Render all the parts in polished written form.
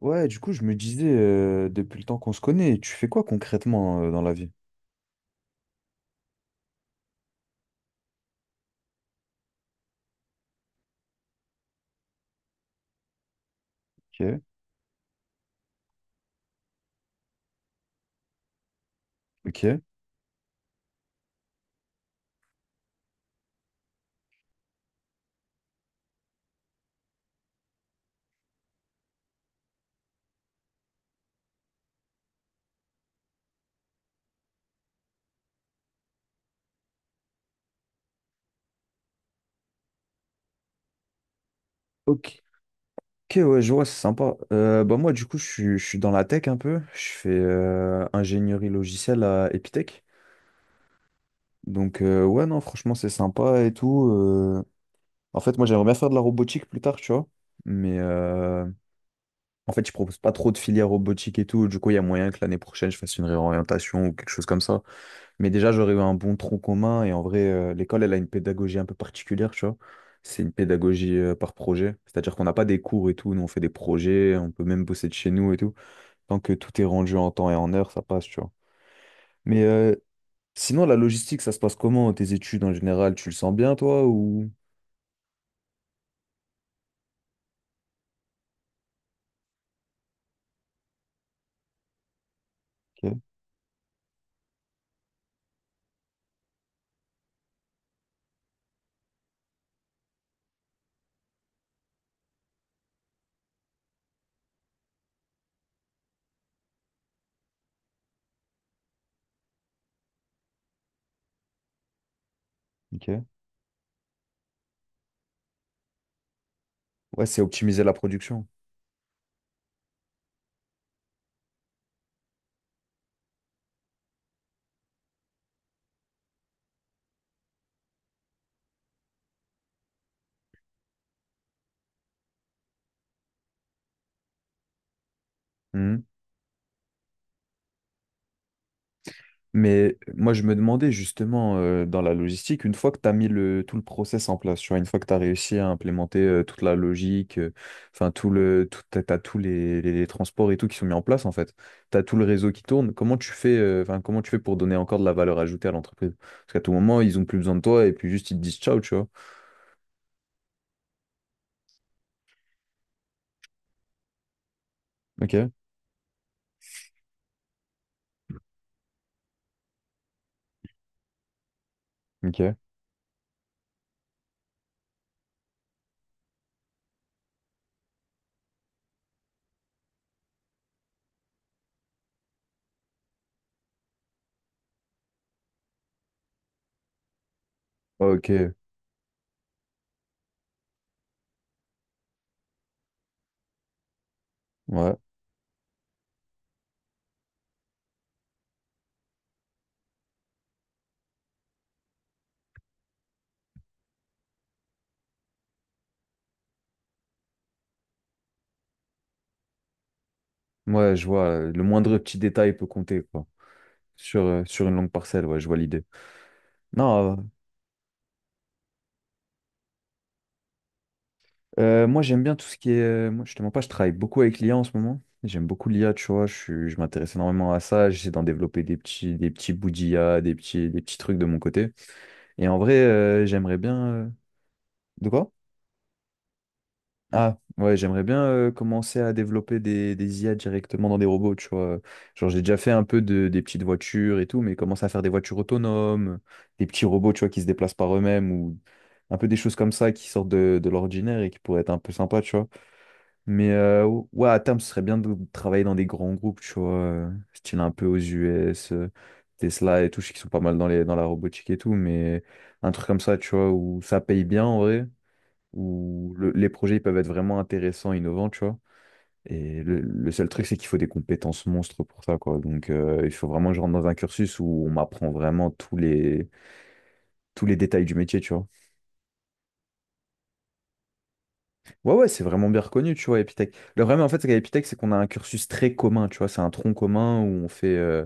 Ouais, du coup, je me disais, depuis le temps qu'on se connaît, tu fais quoi concrètement dans la vie? Ok, ok. Ok, ok, ouais, je vois, c'est sympa. Bah moi, du coup, je suis dans la tech un peu. Je fais ingénierie logicielle à Epitech. Donc, ouais, non, franchement, c'est sympa et tout. En fait, moi, j'aimerais bien faire de la robotique plus tard, tu vois. Mais en fait, je propose pas trop de filière robotique et tout. Du coup, il y a moyen que l'année prochaine, je fasse une réorientation ou quelque chose comme ça. Mais déjà, j'aurais eu un bon tronc commun. Et en vrai, l'école, elle a une pédagogie un peu particulière, tu vois. C'est une pédagogie par projet. C'est-à-dire qu'on n'a pas des cours et tout. Nous, on fait des projets. On peut même bosser de chez nous et tout. Tant que tout est rendu en temps et en heure, ça passe, tu vois. Mais sinon, la logistique, ça se passe comment? Tes études en général, tu le sens bien, toi, ou… Ok, ok. Ouais, c'est optimiser la production. Mmh. Mais moi, je me demandais justement dans la logistique, une fois que tu as mis tout le process en place, tu vois, une fois que tu as réussi à implémenter toute la logique, enfin, tout le, tout, t'as, t'as tous les transports et tout qui sont mis en place, en fait, tu as tout le réseau qui tourne, comment tu fais, enfin, comment tu fais pour donner encore de la valeur ajoutée à l'entreprise? Parce qu'à tout moment, ils ont plus besoin de toi et puis juste ils te disent ciao, tu vois. Ok, ok, ok, ouais, ouais, je vois, le moindre petit détail peut compter, quoi, sur, sur une longue parcelle, ouais, je vois l'idée. Non, moi, j'aime bien tout ce qui est. Moi, je te mens pas, je travaille beaucoup avec l'IA en ce moment. J'aime beaucoup l'IA, tu vois. Je m'intéresse énormément à ça. J'essaie d'en développer des petits bouts d'IA, des petits trucs de mon côté. Et en vrai, j'aimerais bien. De quoi? Ah, ouais, j'aimerais bien commencer à développer des IA directement dans des robots, tu vois. Genre, j'ai déjà fait un peu des petites voitures et tout, mais commencer à faire des voitures autonomes, des petits robots, tu vois, qui se déplacent par eux-mêmes ou un peu des choses comme ça qui sortent de l'ordinaire et qui pourraient être un peu sympas, tu vois. Mais ouais, à terme, ce serait bien de travailler dans des grands groupes, tu vois, style un peu aux US, Tesla et tout, je sais qu'ils sont pas mal dans dans la robotique et tout, mais un truc comme ça, tu vois, où ça paye bien en vrai, où les projets ils peuvent être vraiment intéressants, innovants, tu vois. Et le seul truc, c'est qu'il faut des compétences monstres pour ça, quoi. Donc, il faut vraiment que je rentre dans un cursus où on m'apprend vraiment tous les détails du métier, tu vois. Ouais, ouais, c'est vraiment bien reconnu, tu vois, Epitech. Le problème, en fait, c'est qu'à Epitech, c'est qu'on a un cursus très commun, tu vois, c'est un tronc commun où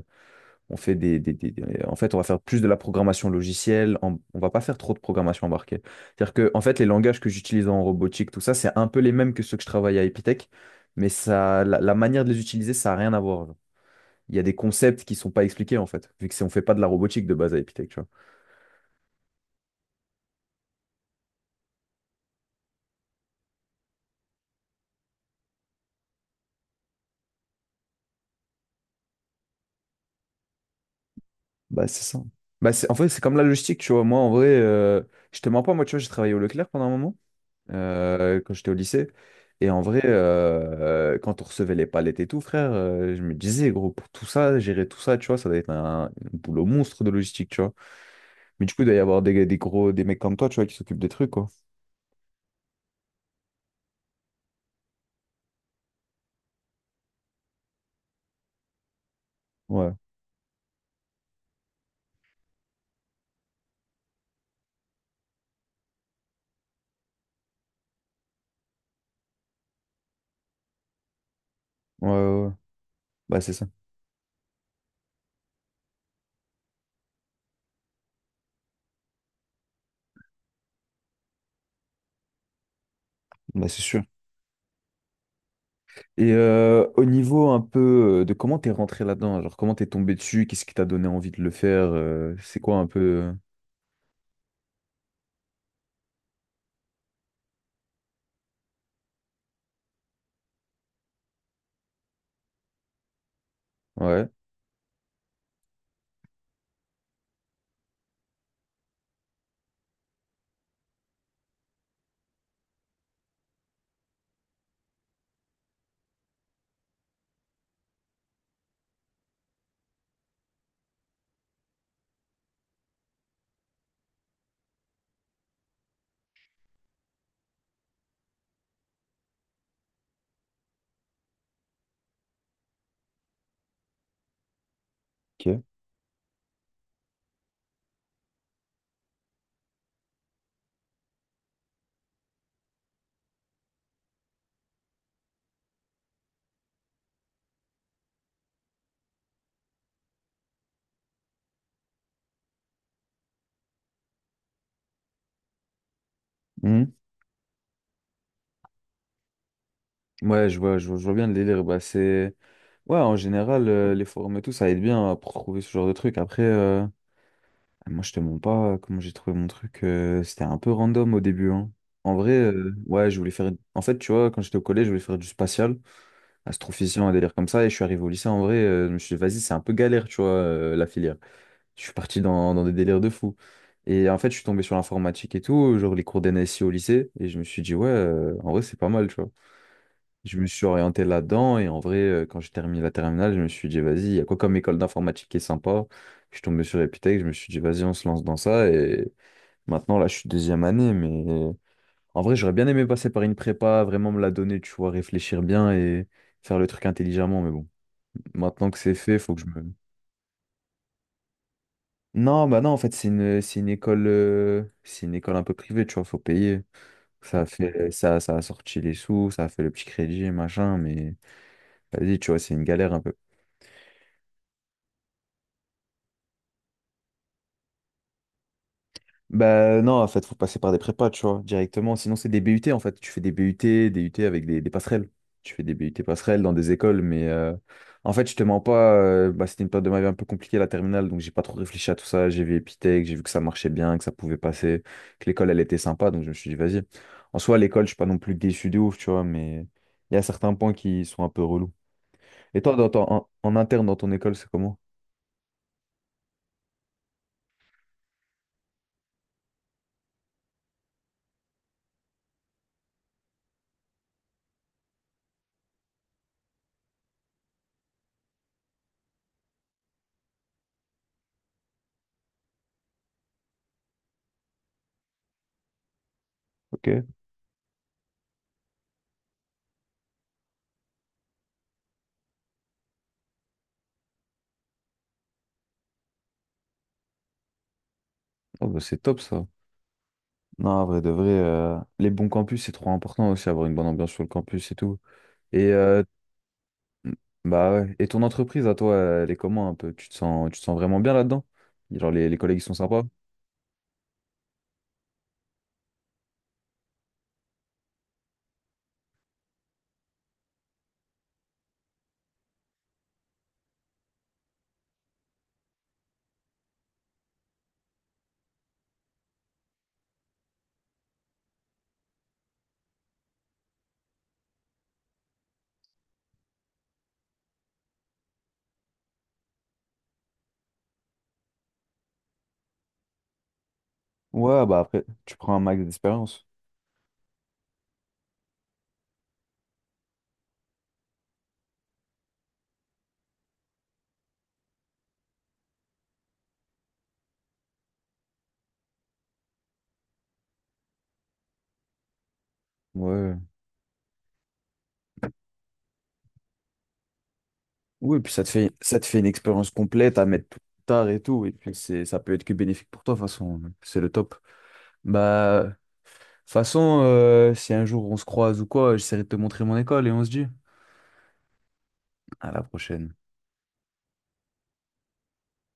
on fait En fait, on va faire plus de la programmation logicielle, on va pas faire trop de programmation embarquée. C'est-à-dire que, en fait, les langages que j'utilise en robotique, tout ça, c'est un peu les mêmes que ceux que je travaille à Epitech, mais ça, la manière de les utiliser, ça a rien à voir. Il y a des concepts qui sont pas expliqués, en fait, vu que on fait pas de la robotique de base à Epitech, tu vois. Bah, c'est ça. Bah, c'est, en fait, c'est comme la logistique, tu vois. Moi, en vrai, je te mens pas, moi, tu vois, j'ai travaillé au Leclerc pendant un moment, quand j'étais au lycée. Et en vrai, quand on recevait les palettes et tout, frère, je me disais, gros, pour tout ça, gérer tout ça, tu vois, ça doit être un boulot monstre de logistique, tu vois. Mais du coup, il doit y avoir des mecs comme toi, tu vois, qui s'occupent des trucs, quoi. Ouais, ouais, ouais, ouais. Bah, c'est ça. Bah, c'est sûr. Et au niveau un peu de comment t'es rentré là-dedans, genre comment t'es tombé dessus, qu'est-ce qui t'a donné envie de le faire, c'est quoi un peu… Ouais, ok. Mhm. Ouais, je vois, je vois, je vois bien le délire. Bah, c'est… Ouais, en général, les forums et tout, ça aide bien à trouver ce genre de truc. Après, moi, je te mens pas comment j'ai trouvé mon truc. C'était un peu random au début, hein. En vrai, ouais, je voulais faire. En fait, tu vois, quand j'étais au collège, je voulais faire du spatial, astrophysicien, un délire comme ça. Et je suis arrivé au lycée, en vrai, je me suis dit, vas-y, c'est un peu galère, tu vois, la filière. Je suis parti dans des délires de fou. Et en fait, je suis tombé sur l'informatique et tout, genre les cours d'NSI au lycée. Et je me suis dit, ouais, en vrai, c'est pas mal, tu vois. Je me suis orienté là-dedans et en vrai, quand j'ai terminé la terminale, je me suis dit, vas-y, il y a quoi comme école d'informatique qui est sympa? Je suis tombé sur Epitech, je me suis dit, vas-y, on se lance dans ça. Et maintenant, là, je suis deuxième année, mais en vrai, j'aurais bien aimé passer par une prépa, vraiment me la donner, tu vois, réfléchir bien et faire le truc intelligemment. Mais bon, maintenant que c'est fait, faut que je me… Non, bah non, en fait, c'est une école un peu privée, tu vois, faut payer. Ça a fait, ça a sorti les sous, ça a fait le petit crédit, machin, mais vas-y, tu vois, c'est une galère un peu. Bah non, en fait, faut passer par des prépas, tu vois, directement. Sinon, c'est des BUT, en fait. Tu fais des BUT, des UT avec des passerelles. Tu fais des BUT passerelles dans des écoles, mais en fait, je te mens pas, bah, c'était une période de ma vie un peu compliquée, la terminale, donc j'ai pas trop réfléchi à tout ça. J'ai vu Epitech, j'ai vu que ça marchait bien, que ça pouvait passer, que l'école, elle était sympa, donc je me suis dit, vas-y. En soi, à l'école, je suis pas non plus déçu de ouf, tu vois, mais il y a certains points qui sont un peu relous. Et toi, dans en interne, dans ton école, c'est comment? Ok. Oh, bah, c'est top, ça. Non, en vrai de vrai, les bons campus, c'est trop important aussi, avoir une bonne ambiance sur le campus et tout. Et, bah ouais. Et ton entreprise, à toi, elle est comment un peu? Tu te sens vraiment bien là-dedans? Genre, les collègues, ils sont sympas? Ouais, bah après, tu prends un max d'expérience. Ouais. Oui, puis ça te fait une expérience complète à mettre plus tard et tout. Et puis, c'est, ça peut être que bénéfique pour toi, de toute façon. C'est le top. Bah, de toute façon, si un jour on se croise ou quoi, j'essaierai de te montrer mon école et on se dit à la prochaine.